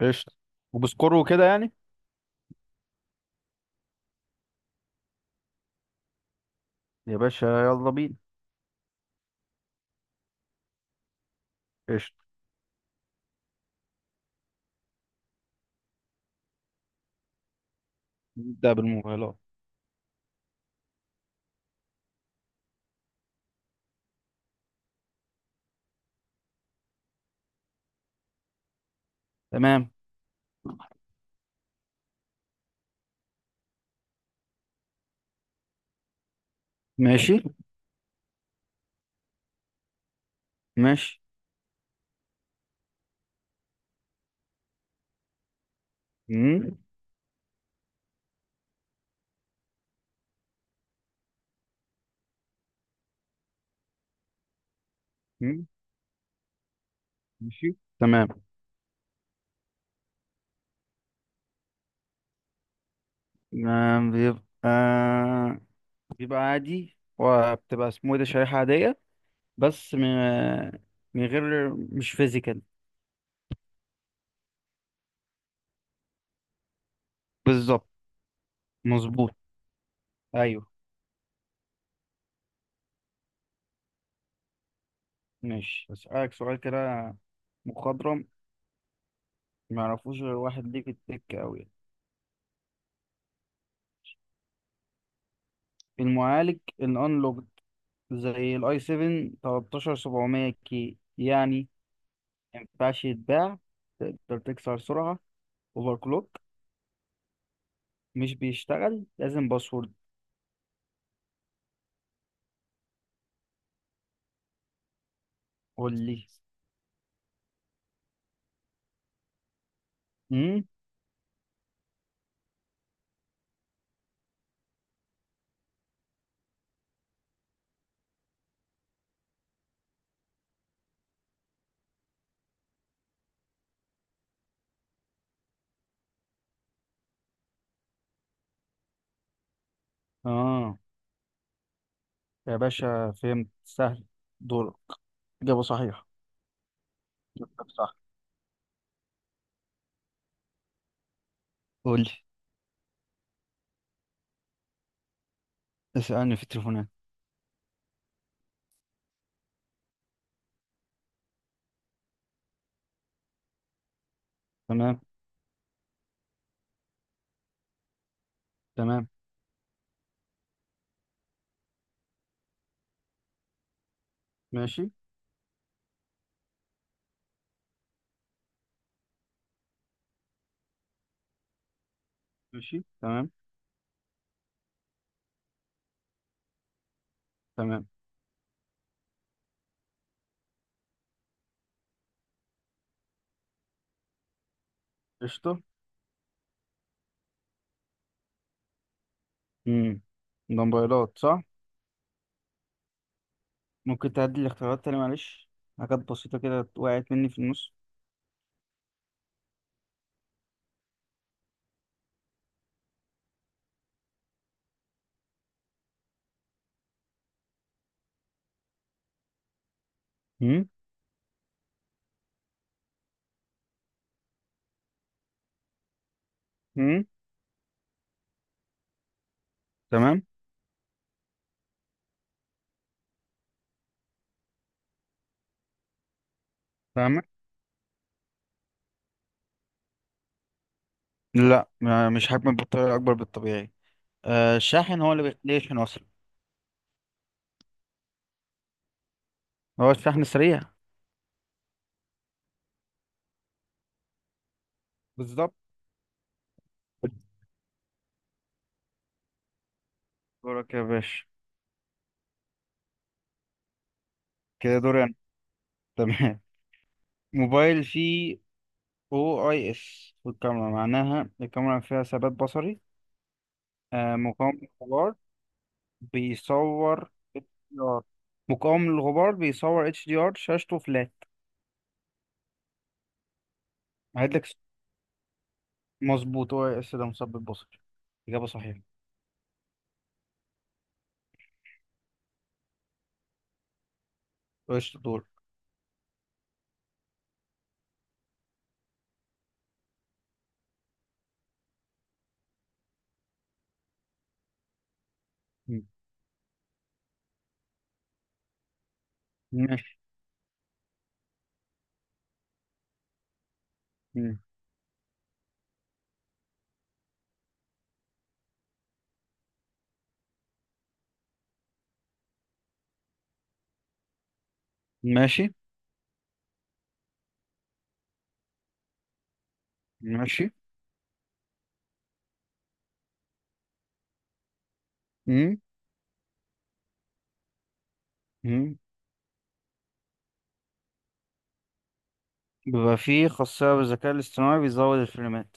قشطة. وبسكور وكده يعني. يا باشا، يلا بينا. قشطة. نبدأ بالموبايلات. تمام. ماشي، ماشي. مم. مم، ماشي تمام. آه، بيبقى عادي وبتبقى اسمه ايه ده شريحة عادية. بس من غير مش فيزيكال. بالظبط. مظبوط. ايوه. ماشي. اسألك سؤال كده. مخضرم ما يعرفوش غير واحد ليه في التك قوي. المعالج الانلوج زي الاي 7 13700 كي يعني. ما ينفعش يتباع، تقدر تكسر سرعة، اوفر كلوك، مش بيشتغل لازم باسورد. قول لي. امم اه يا باشا، فهمت سهل. دورك. إجابة صحيحة. جبتك صح. قول لي. اسألني في التليفونات. تمام. تمام، ماشي، ماشي تمام. تمام. قشطة. امم ده موبايلات صح؟ ممكن تعدي الاختيارات تاني معلش؟ حاجات بسيطة كده وقعت مني في النص. امم امم تمام. فاهمة؟ لا، مش هكمل بالطريقة أكبر بالطبيعي. آه، الشاحن هو اللي بيخليه يشحن أصلا. هو الشحن السريع. بالظبط. دورك يا باشا. كده دوري أنا. تمام. موبايل فيه أو أي إس، والكاميرا معناها الكاميرا فيها ثبات بصري. آه، مقاوم للغبار، بيصور HDR، مقاوم للغبار، بيصور اتش دي ار، شاشته فلات. هعيد لك. مظبوط، أو أي إس ده مثبت بصري. إجابة صحيحة. قشطة. دور. ماشي. مم. ماشي، ماشي. مم. بيبقى فيه خاصية بالذكاء الاصطناعي بيزود الفريمات.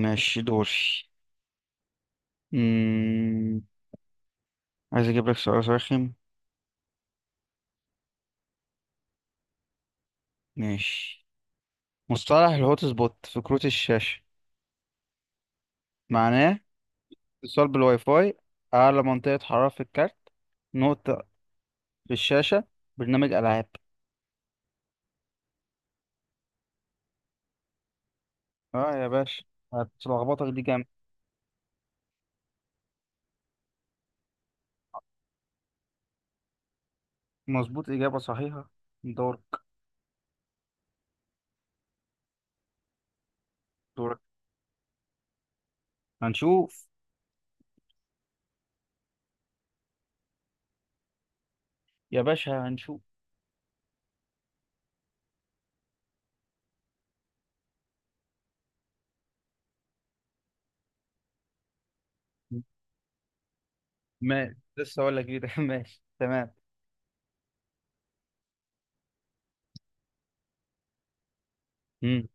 ماشي. دوري. مم. عايز اجيب لك سؤال رخم. ماشي. مصطلح الهوت سبوت في كروت الشاشة معناه: اتصال بالواي فاي، أعلى منطقة حرارة في الكارت، نقطة في الشاشة، برنامج ألعاب. اه يا باشا، هتلخبطك دي جامد. مظبوط، إجابة صحيحة. دورك. دورك، هنشوف. يا باشا، هنشوف. ماشي، لسه أقول لك كده. ماشي تمام. مم.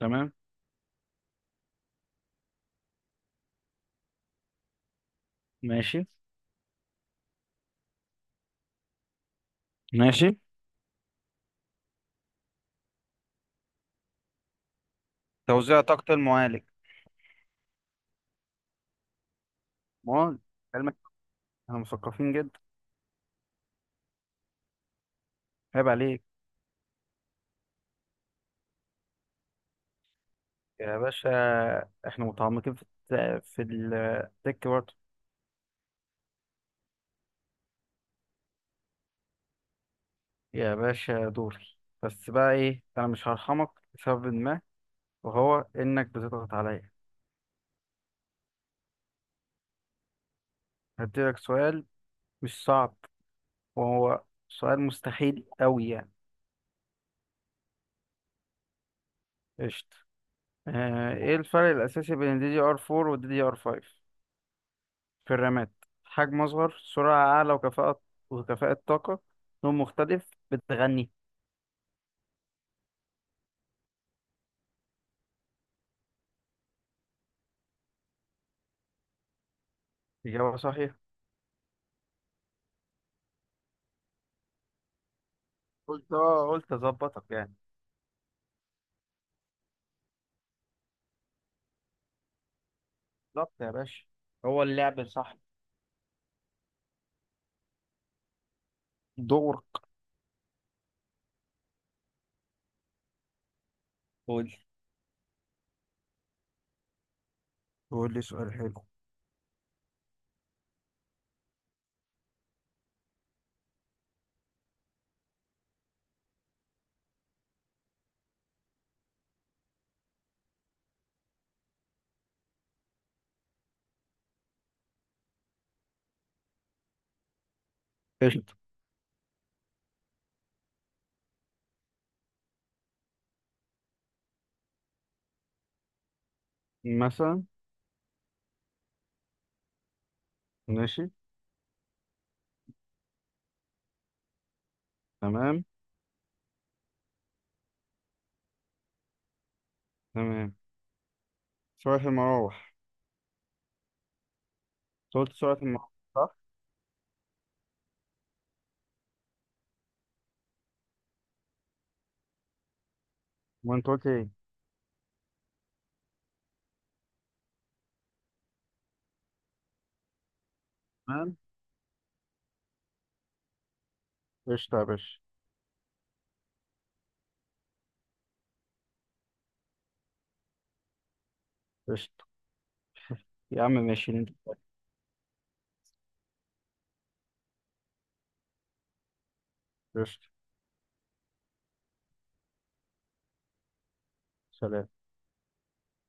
تمام. ماشي، ماشي. توزيع طاقة المعالج. مول علمك. احنا مثقفين جدا. عيب عليك. يا باشا، احنا متعمقين في في التك برضه. يا باشا دوري. بس بقى ايه، انا مش هرحمك لسبب ما، وهو انك بتضغط عليا. هديلك سؤال مش صعب، وهو سؤال مستحيل قوي يعني. قشطة. آه، ايه الفرق الاساسي بين الدي دي ار 4 والدي دي ار 5 في الرامات؟ حجم أصغر، سرعة أعلى وكفاءة طاقة، لون مختلف، بتغني. إجابة صحيحة. قلت أظبطك يعني. بالظبط يا باشا. هو اللعب صح. دورك. قول، قول لي سؤال حلو. قشطة. مثلا. ماشي. تمام. تمام. سرعة المراوح. أنت قلت سرعة المراوح صح؟ وأنت قلت إيه؟ تمام. قشطة يا باشا. قشطة. يا عم ماشي. قشطة. سلام.